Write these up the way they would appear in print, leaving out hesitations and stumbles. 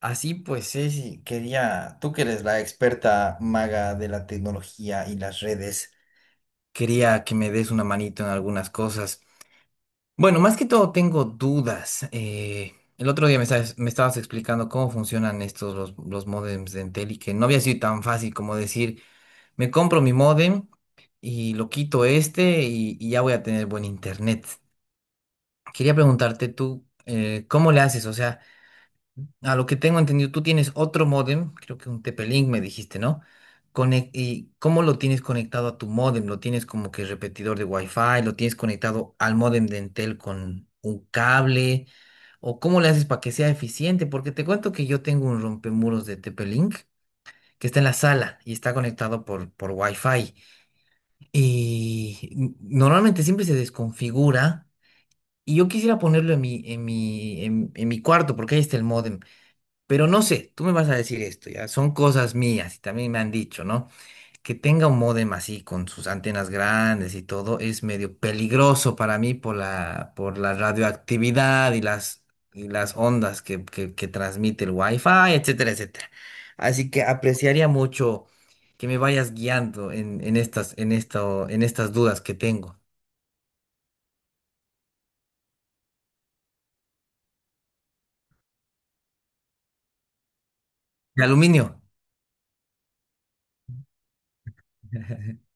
Así pues, Ceci, quería, tú que eres la experta maga de la tecnología y las redes, quería que me des una manito en algunas cosas. Bueno, más que todo tengo dudas. El otro día estabas me estabas explicando cómo funcionan estos los módems de Entel y que no había sido tan fácil como decir, me compro mi módem y lo quito este y ya voy a tener buen internet. Quería preguntarte tú, ¿cómo le haces? O sea... A lo que tengo entendido, tú tienes otro módem, creo que un TP-Link me dijiste, ¿no? ¿Y cómo lo tienes conectado a tu módem? ¿Lo tienes como que repetidor de Wi-Fi? ¿Lo tienes conectado al módem de Entel con un cable? ¿O cómo le haces para que sea eficiente? Porque te cuento que yo tengo un rompemuros de TP-Link que está en la sala y está conectado por Wi-Fi. Y normalmente siempre se desconfigura. Y yo quisiera ponerlo en en mi cuarto, porque ahí está el módem. Pero no sé, tú me vas a decir esto, ya, son cosas mías y también me han dicho, ¿no? Que tenga un módem así con sus antenas grandes y todo es medio peligroso para mí por por la radioactividad y y las ondas que transmite el wifi, etcétera, etcétera. Así que apreciaría mucho que me vayas guiando en, en esto, en estas dudas que tengo. De aluminio.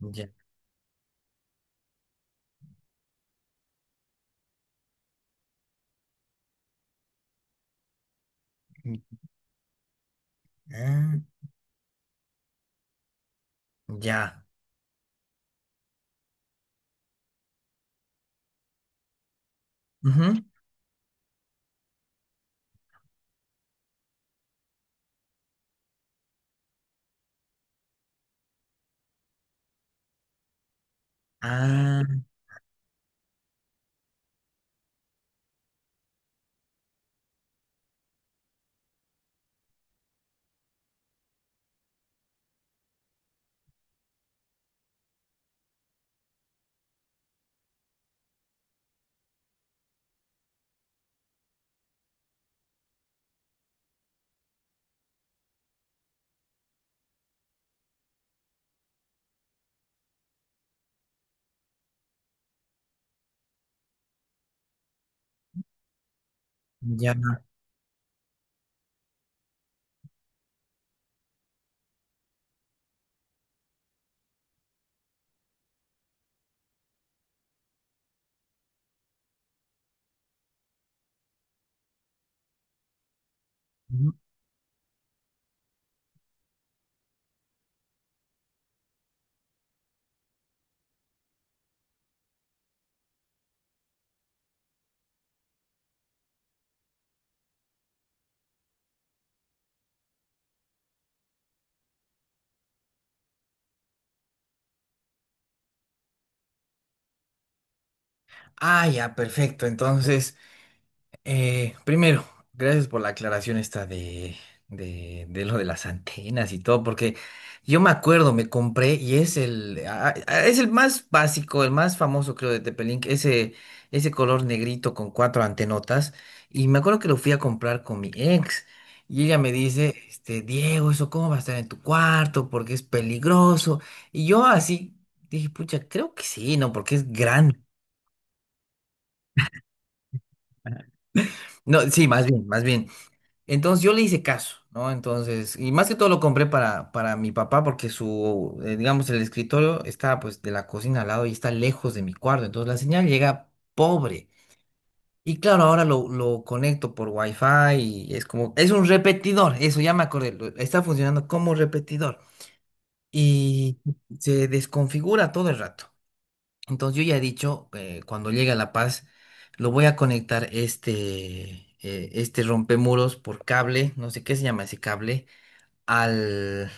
Ya. Ah, ya. Ujú. Ah, ya. Ah, ya, perfecto. Entonces, primero, gracias por la aclaración esta de lo de las antenas y todo, porque yo me acuerdo, me compré y es es el más básico, el más famoso, creo, de Tepelink, ese color negrito con cuatro antenotas. Y me acuerdo que lo fui a comprar con mi ex. Y ella me dice, este, Diego, ¿eso cómo va a estar en tu cuarto? Porque es peligroso. Y yo así dije, pucha, creo que sí, ¿no? Porque es grande. No, sí, más bien, más bien. Entonces yo le hice caso, ¿no? Entonces, y más que todo lo compré para mi papá porque su, digamos, el escritorio está pues de la cocina al lado y está lejos de mi cuarto, entonces la señal llega pobre. Y claro, ahora lo conecto por wifi y es como, es un repetidor, eso ya me acordé, está funcionando como repetidor y se desconfigura todo el rato. Entonces yo ya he dicho, cuando llegue a La Paz, lo voy a conectar este, este rompemuros por cable, no sé qué se llama ese cable, al,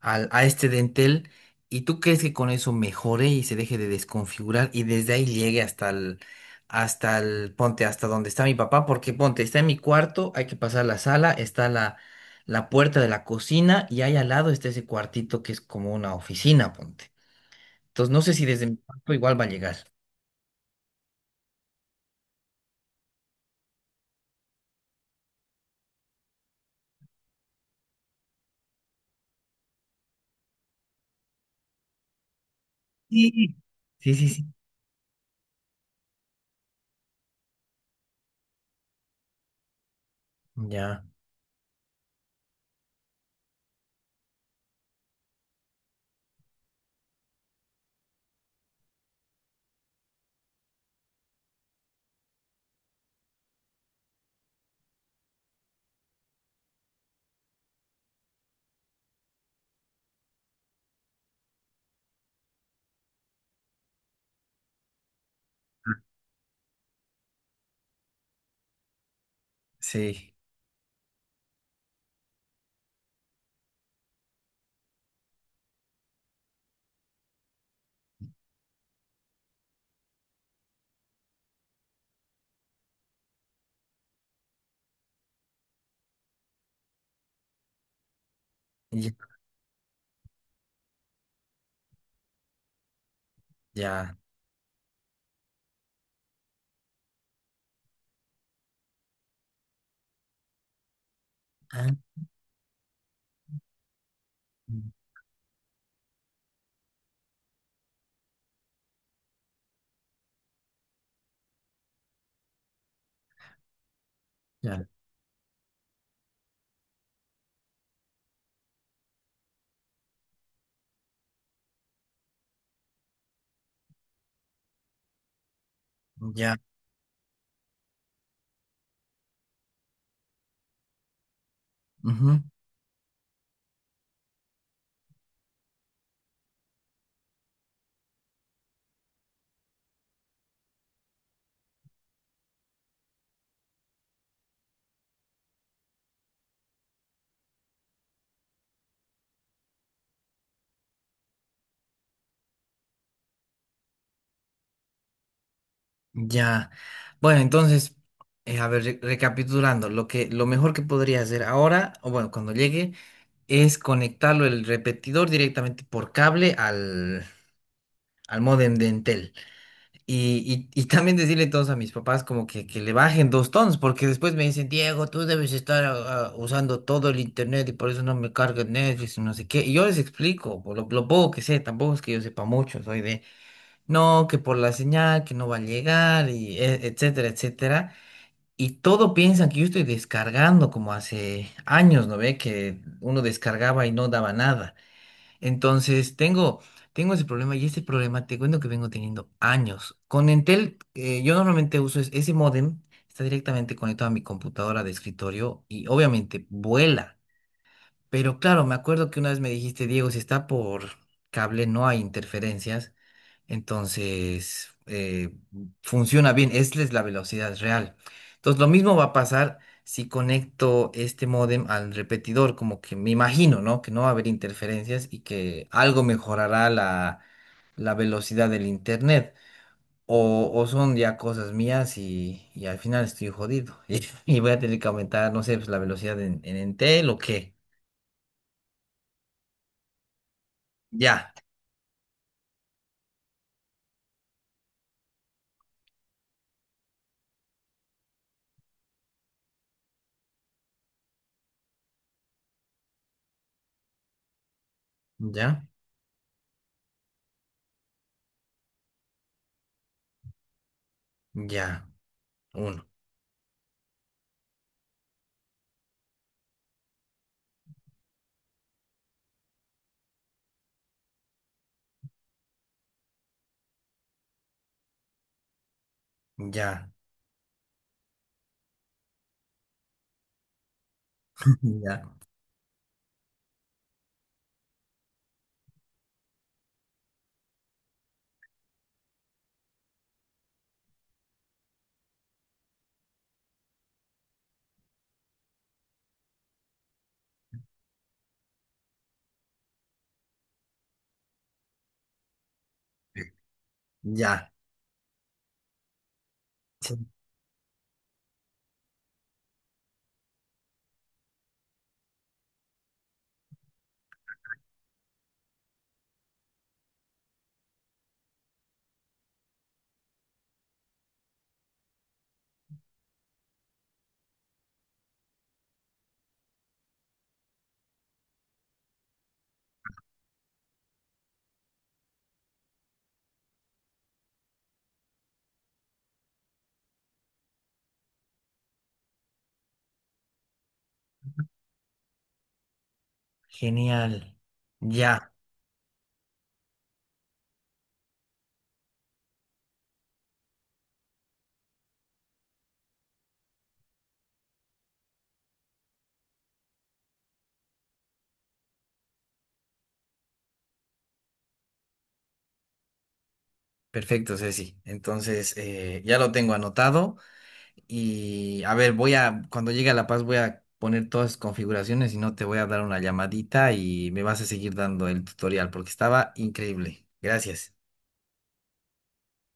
a este dentel. ¿Y tú crees que con eso mejore y se deje de desconfigurar y desde ahí llegue hasta el, ponte, hasta donde está mi papá? Porque ponte, está en mi cuarto, hay que pasar la sala, está la puerta de la cocina y ahí al lado está ese cuartito que es como una oficina, ponte. Entonces no sé si desde mi cuarto igual va a llegar. Sí, sí, sí, sí. Ya, sí, ya, ya, ah, ya, ya, ujú, ya. Bueno, entonces, a ver, recapitulando, lo mejor que podría hacer ahora, o bueno, cuando llegue, es conectarlo el repetidor directamente por cable al módem de Entel. Y también decirle todos a mis papás como que le bajen dos tonos, porque después me dicen, Diego, tú debes estar usando todo el internet y por eso no me carga Netflix y no sé qué. Y yo les explico, por lo poco que sé, tampoco es que yo sepa mucho, soy de, no, que por la señal, que no va a llegar, y etcétera, etcétera. Y todo piensan que yo estoy descargando como hace años, ¿no ve? Que uno descargaba y no daba nada. Entonces, tengo ese problema y ese problema te cuento que vengo teniendo años. Con Entel, yo normalmente uso ese módem, está directamente conectado a mi computadora de escritorio y obviamente vuela. Pero claro, me acuerdo que una vez me dijiste, Diego, si está por cable no hay interferencias. Entonces, funciona bien, esta es la velocidad real. Entonces, lo mismo va a pasar si conecto este módem al repetidor, como que me imagino, ¿no? Que no va a haber interferencias y que algo mejorará la, la velocidad del internet. O son ya cosas mías y al final estoy jodido. Y voy a tener que aumentar, no sé, pues, la velocidad en Entel o qué. Ya, ya, ya, uno, ya, ya, ya. Genial. Ya, perfecto, Ceci. Entonces, ya lo tengo anotado y a ver, voy a, cuando llegue a La Paz voy a poner todas las configuraciones y no te voy a dar una llamadita y me vas a seguir dando el tutorial porque estaba increíble. Gracias.